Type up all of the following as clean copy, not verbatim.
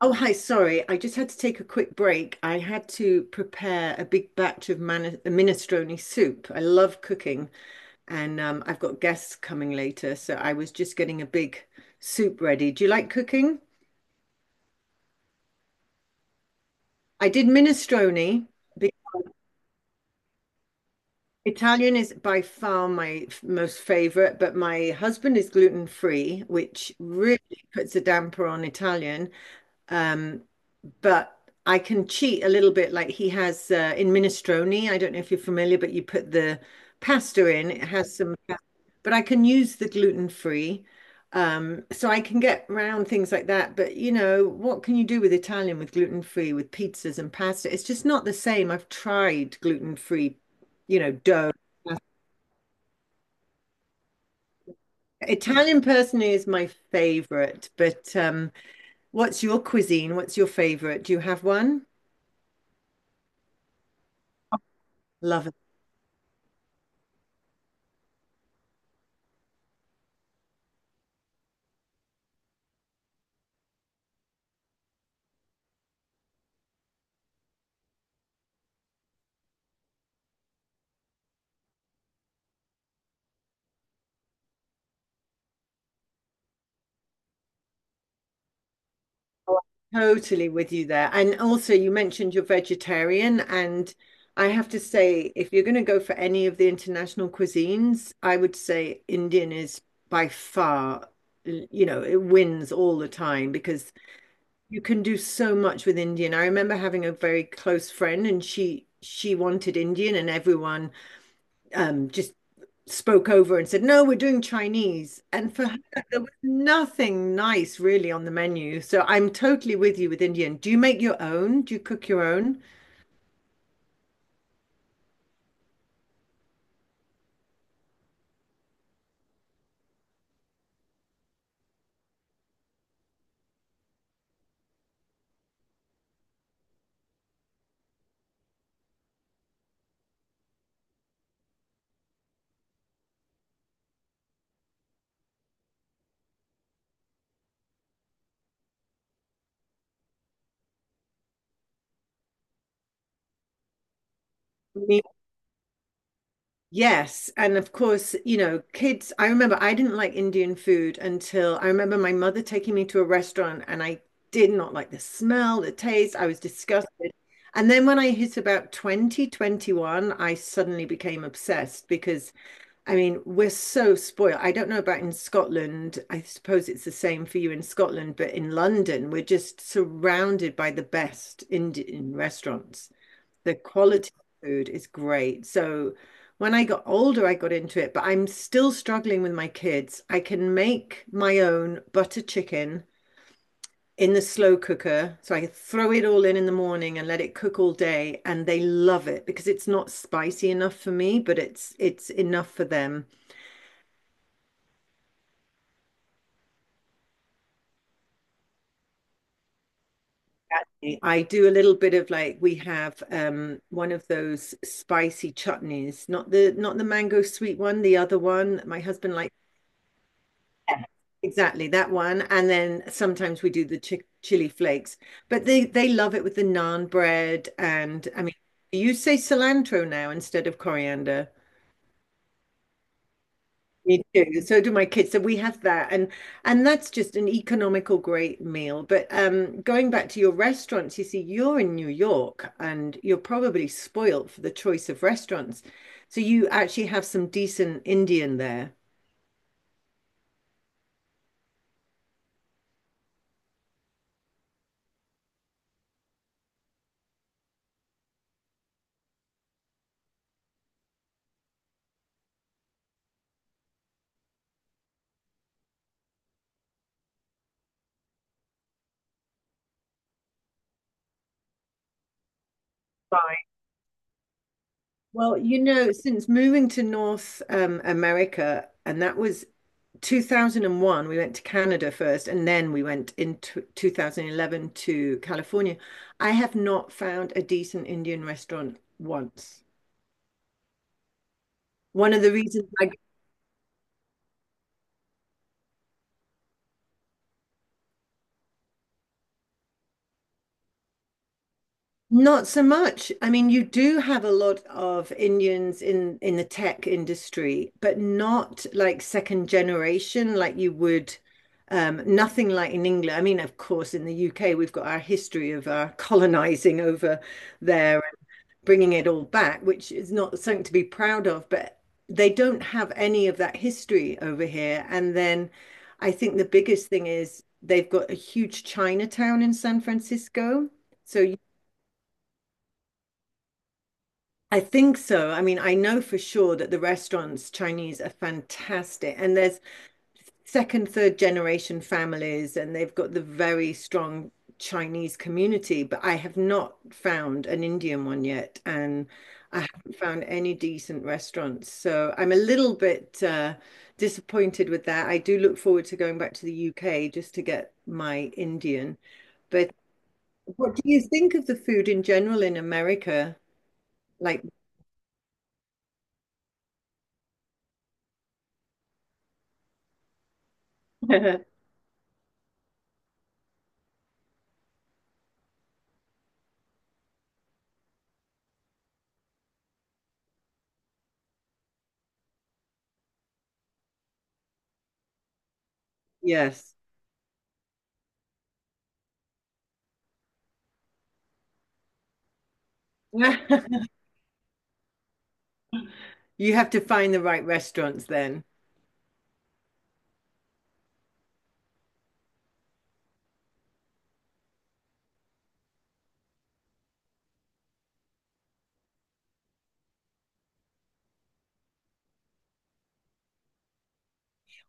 Oh, hi, sorry. I just had to take a quick break. I had to prepare a big batch of man minestrone soup. I love cooking, and I've got guests coming later, so I was just getting a big soup ready. Do you like cooking? I did minestrone. be- Italian is by far my most favorite, but my husband is gluten free, which really puts a damper on Italian. Um, but I can cheat a little bit. Like he has in minestrone, I don't know if you're familiar, but you put the pasta in, it has some, but I can use the gluten free. So I can get around things like that. But what can you do with Italian with gluten free, with pizzas and pasta? It's just not the same. I've tried gluten free, dough. Italian personally is my favorite, but what's your cuisine? What's your favorite? Do you have one? Love. Totally with you there. And also, you mentioned you're vegetarian, and I have to say, if you're going to go for any of the international cuisines, I would say Indian is by far, it wins all the time because you can do so much with Indian. I remember having a very close friend, and she wanted Indian, and everyone just spoke over and said, "No, we're doing Chinese." And for her, there was nothing nice really on the menu. So I'm totally with you with Indian. Do you make your own? Do you cook your own? Yes, and of course, kids. I remember I didn't like Indian food until I remember my mother taking me to a restaurant, and I did not like the smell, the taste. I was disgusted. And then when I hit about 2021, I suddenly became obsessed because I mean, we're so spoiled. I don't know about in Scotland. I suppose it's the same for you in Scotland, but in London, we're just surrounded by the best Indian restaurants. The quality of food is great. So when I got older, I got into it, but I'm still struggling with my kids. I can make my own butter chicken in the slow cooker. So I throw it all in the morning and let it cook all day, and they love it because it's not spicy enough for me, but it's enough for them. I do a little bit of like we have one of those spicy chutneys, not the mango sweet one, the other one. My husband likes exactly that one. And then sometimes we do the chili flakes. But they love it with the naan bread, and I mean you say cilantro now instead of coriander. Me too. So do my kids. So we have that, and that's just an economical great meal. But going back to your restaurants, you see, you're in New York, and you're probably spoilt for the choice of restaurants. So you actually have some decent Indian there. Right. Well, since moving to North America, and that was 2001, we went to Canada first, and then we went in t 2011 to California. I have not found a decent Indian restaurant once. One of the reasons I. Not so much. I mean, you do have a lot of Indians in the tech industry, but not like second generation like you would. Nothing like in England. I mean, of course, in the UK, we've got our history of our colonizing over there bringing it all back, which is not something to be proud of, but they don't have any of that history over here. And then I think the biggest thing is they've got a huge Chinatown in San Francisco. So I think so. I mean, I know for sure that the restaurants, Chinese, are fantastic. And there's second, third generation families, and they've got the very strong Chinese community, but I have not found an Indian one yet, and I haven't found any decent restaurants. So I'm a little bit disappointed with that. I do look forward to going back to the UK just to get my Indian. But what do you think of the food in general in America? Like, yes. You have to find the right restaurants then.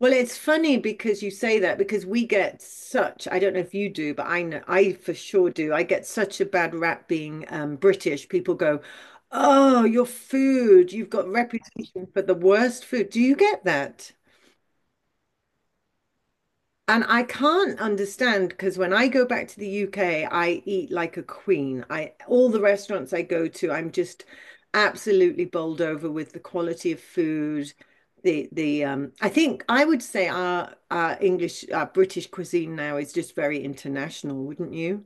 Well, it's funny because you say that because we get such, I don't know if you do, but I know I for sure do. I get such a bad rap being British. People go, "Oh, your food, you've got reputation for the worst food." Do you get that? And I can't understand because when I go back to the UK, I eat like a queen. I, all the restaurants I go to, I'm just absolutely bowled over with the quality of food. The I think I would say our British cuisine now is just very international, wouldn't you?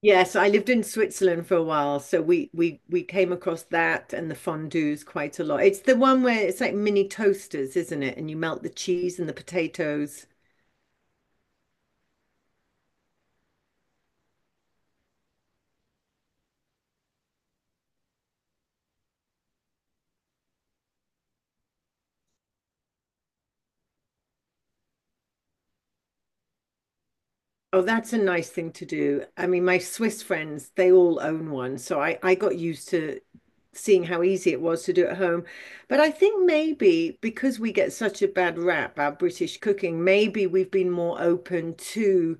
Yes, I lived in Switzerland for a while, so we came across that and the fondues quite a lot. It's the one where it's like mini toasters, isn't it? And you melt the cheese and the potatoes. Oh, that's a nice thing to do. I mean, my Swiss friends, they all own one, so I got used to seeing how easy it was to do at home. But I think maybe because we get such a bad rap, our British cooking, maybe we've been more open to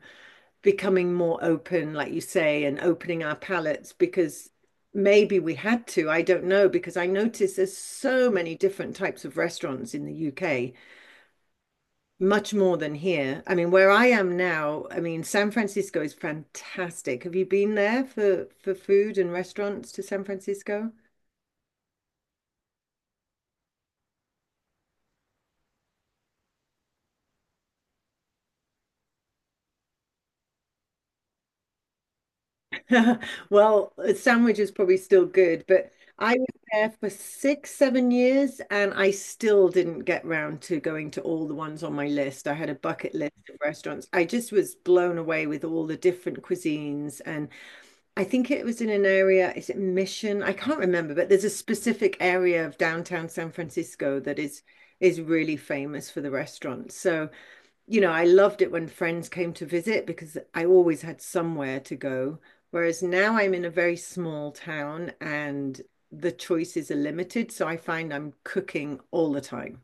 becoming more open, like you say, and opening our palettes because maybe we had to, I don't know, because I notice there's so many different types of restaurants in the UK, much more than here. I mean, where I am now, I mean, San Francisco is fantastic. Have you been there for food and restaurants to San Francisco? Well, a sandwich is probably still good, but I was there for 6, 7 years and I still didn't get round to going to all the ones on my list. I had a bucket list of restaurants. I just was blown away with all the different cuisines. And I think it was in an area, is it Mission? I can't remember, but there's a specific area of downtown San Francisco that is really famous for the restaurants. So I loved it when friends came to visit because I always had somewhere to go. Whereas now I'm in a very small town and the choices are limited. So I find I'm cooking all the time.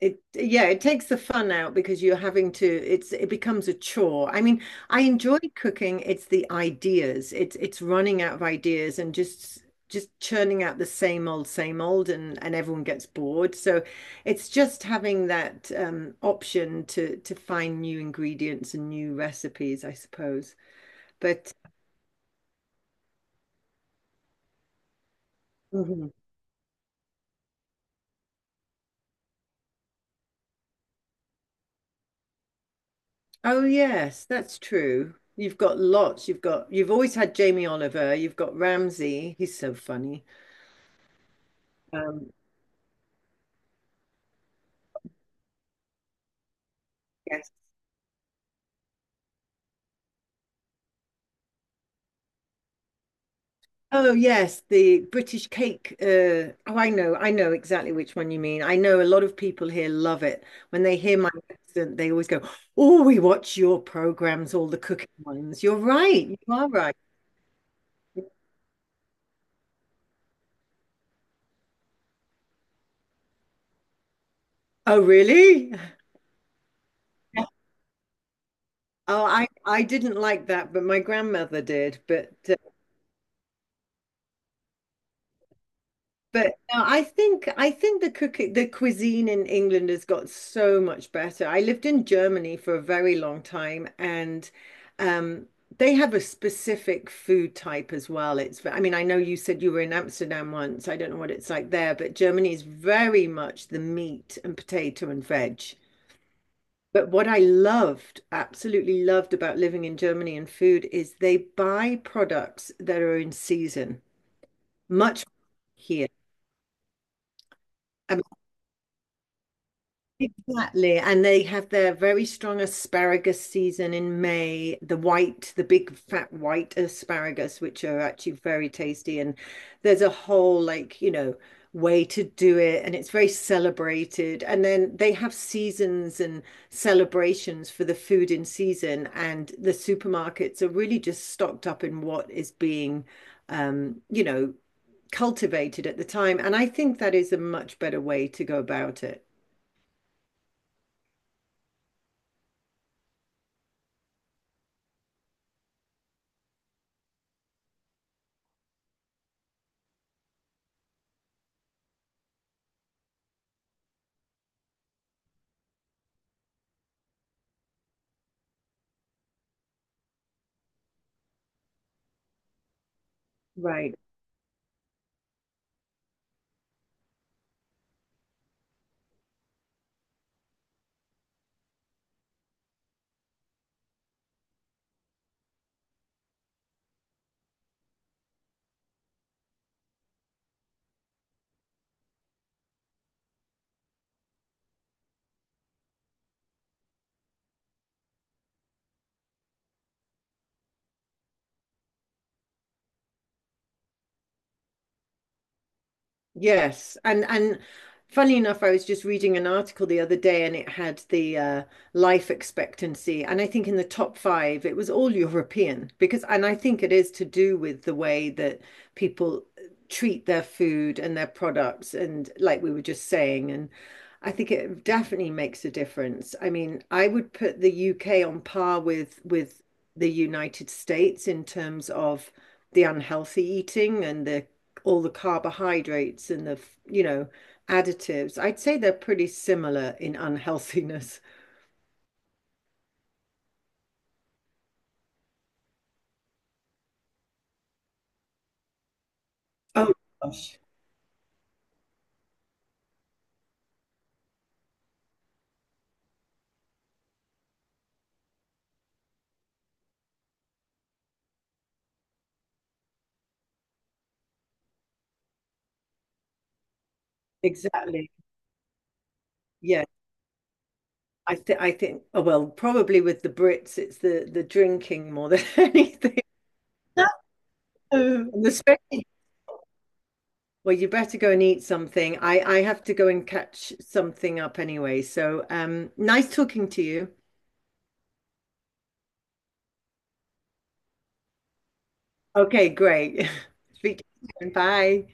Yeah, it takes the fun out because you're having to, it becomes a chore. I mean, I enjoy cooking. It's the ideas. It's running out of ideas and just churning out the same old, and everyone gets bored. So, it's just having that option to find new ingredients and new recipes, I suppose. But Mhm. Oh yes, that's true. You've got lots. You've always had Jamie Oliver. You've got Ramsay. He's so funny. Um, Yes. Oh, yes, the British cake. Oh, I know exactly which one you mean. I know a lot of people here love it. When they hear my accent, they always go, "Oh, we watch your programs, all the cooking ones." You're right. You are right. Oh, really? Oh, I didn't like that, but my grandmother did. But but no, I think the cook the cuisine in England has got so much better. I lived in Germany for a very long time, and um, they have a specific food type as well. I mean I know you said you were in Amsterdam once. I don't know what it's like there, but Germany is very much the meat and potato and veg. But what I loved, absolutely loved about living in Germany and food is they buy products that are in season, much here. Exactly. And they have their very strong asparagus season in May, the white, the big fat white asparagus, which are actually very tasty. And there's a whole, like, way to do it. And it's very celebrated. And then they have seasons and celebrations for the food in season. And the supermarkets are really just stocked up in what is being, um, you know, cultivated at the time. And I think that is a much better way to go about it. Right. Yes, and funny enough, I was just reading an article the other day, and it had the life expectancy, and I think in the top five, it was all European because, and I think it is to do with the way that people treat their food and their products, and like we were just saying, and I think it definitely makes a difference. I mean, I would put the UK on par with the United States in terms of the unhealthy eating and the all the carbohydrates and the, you know, additives. I'd say they're pretty similar in unhealthiness. Oh gosh, exactly. Yeah. I think oh well, probably with the Brits it's the drinking more than anything. No, and especially well, you better go and eat something. I have to go and catch something up anyway. So nice talking to you. Okay, great. Speak to you soon. Bye.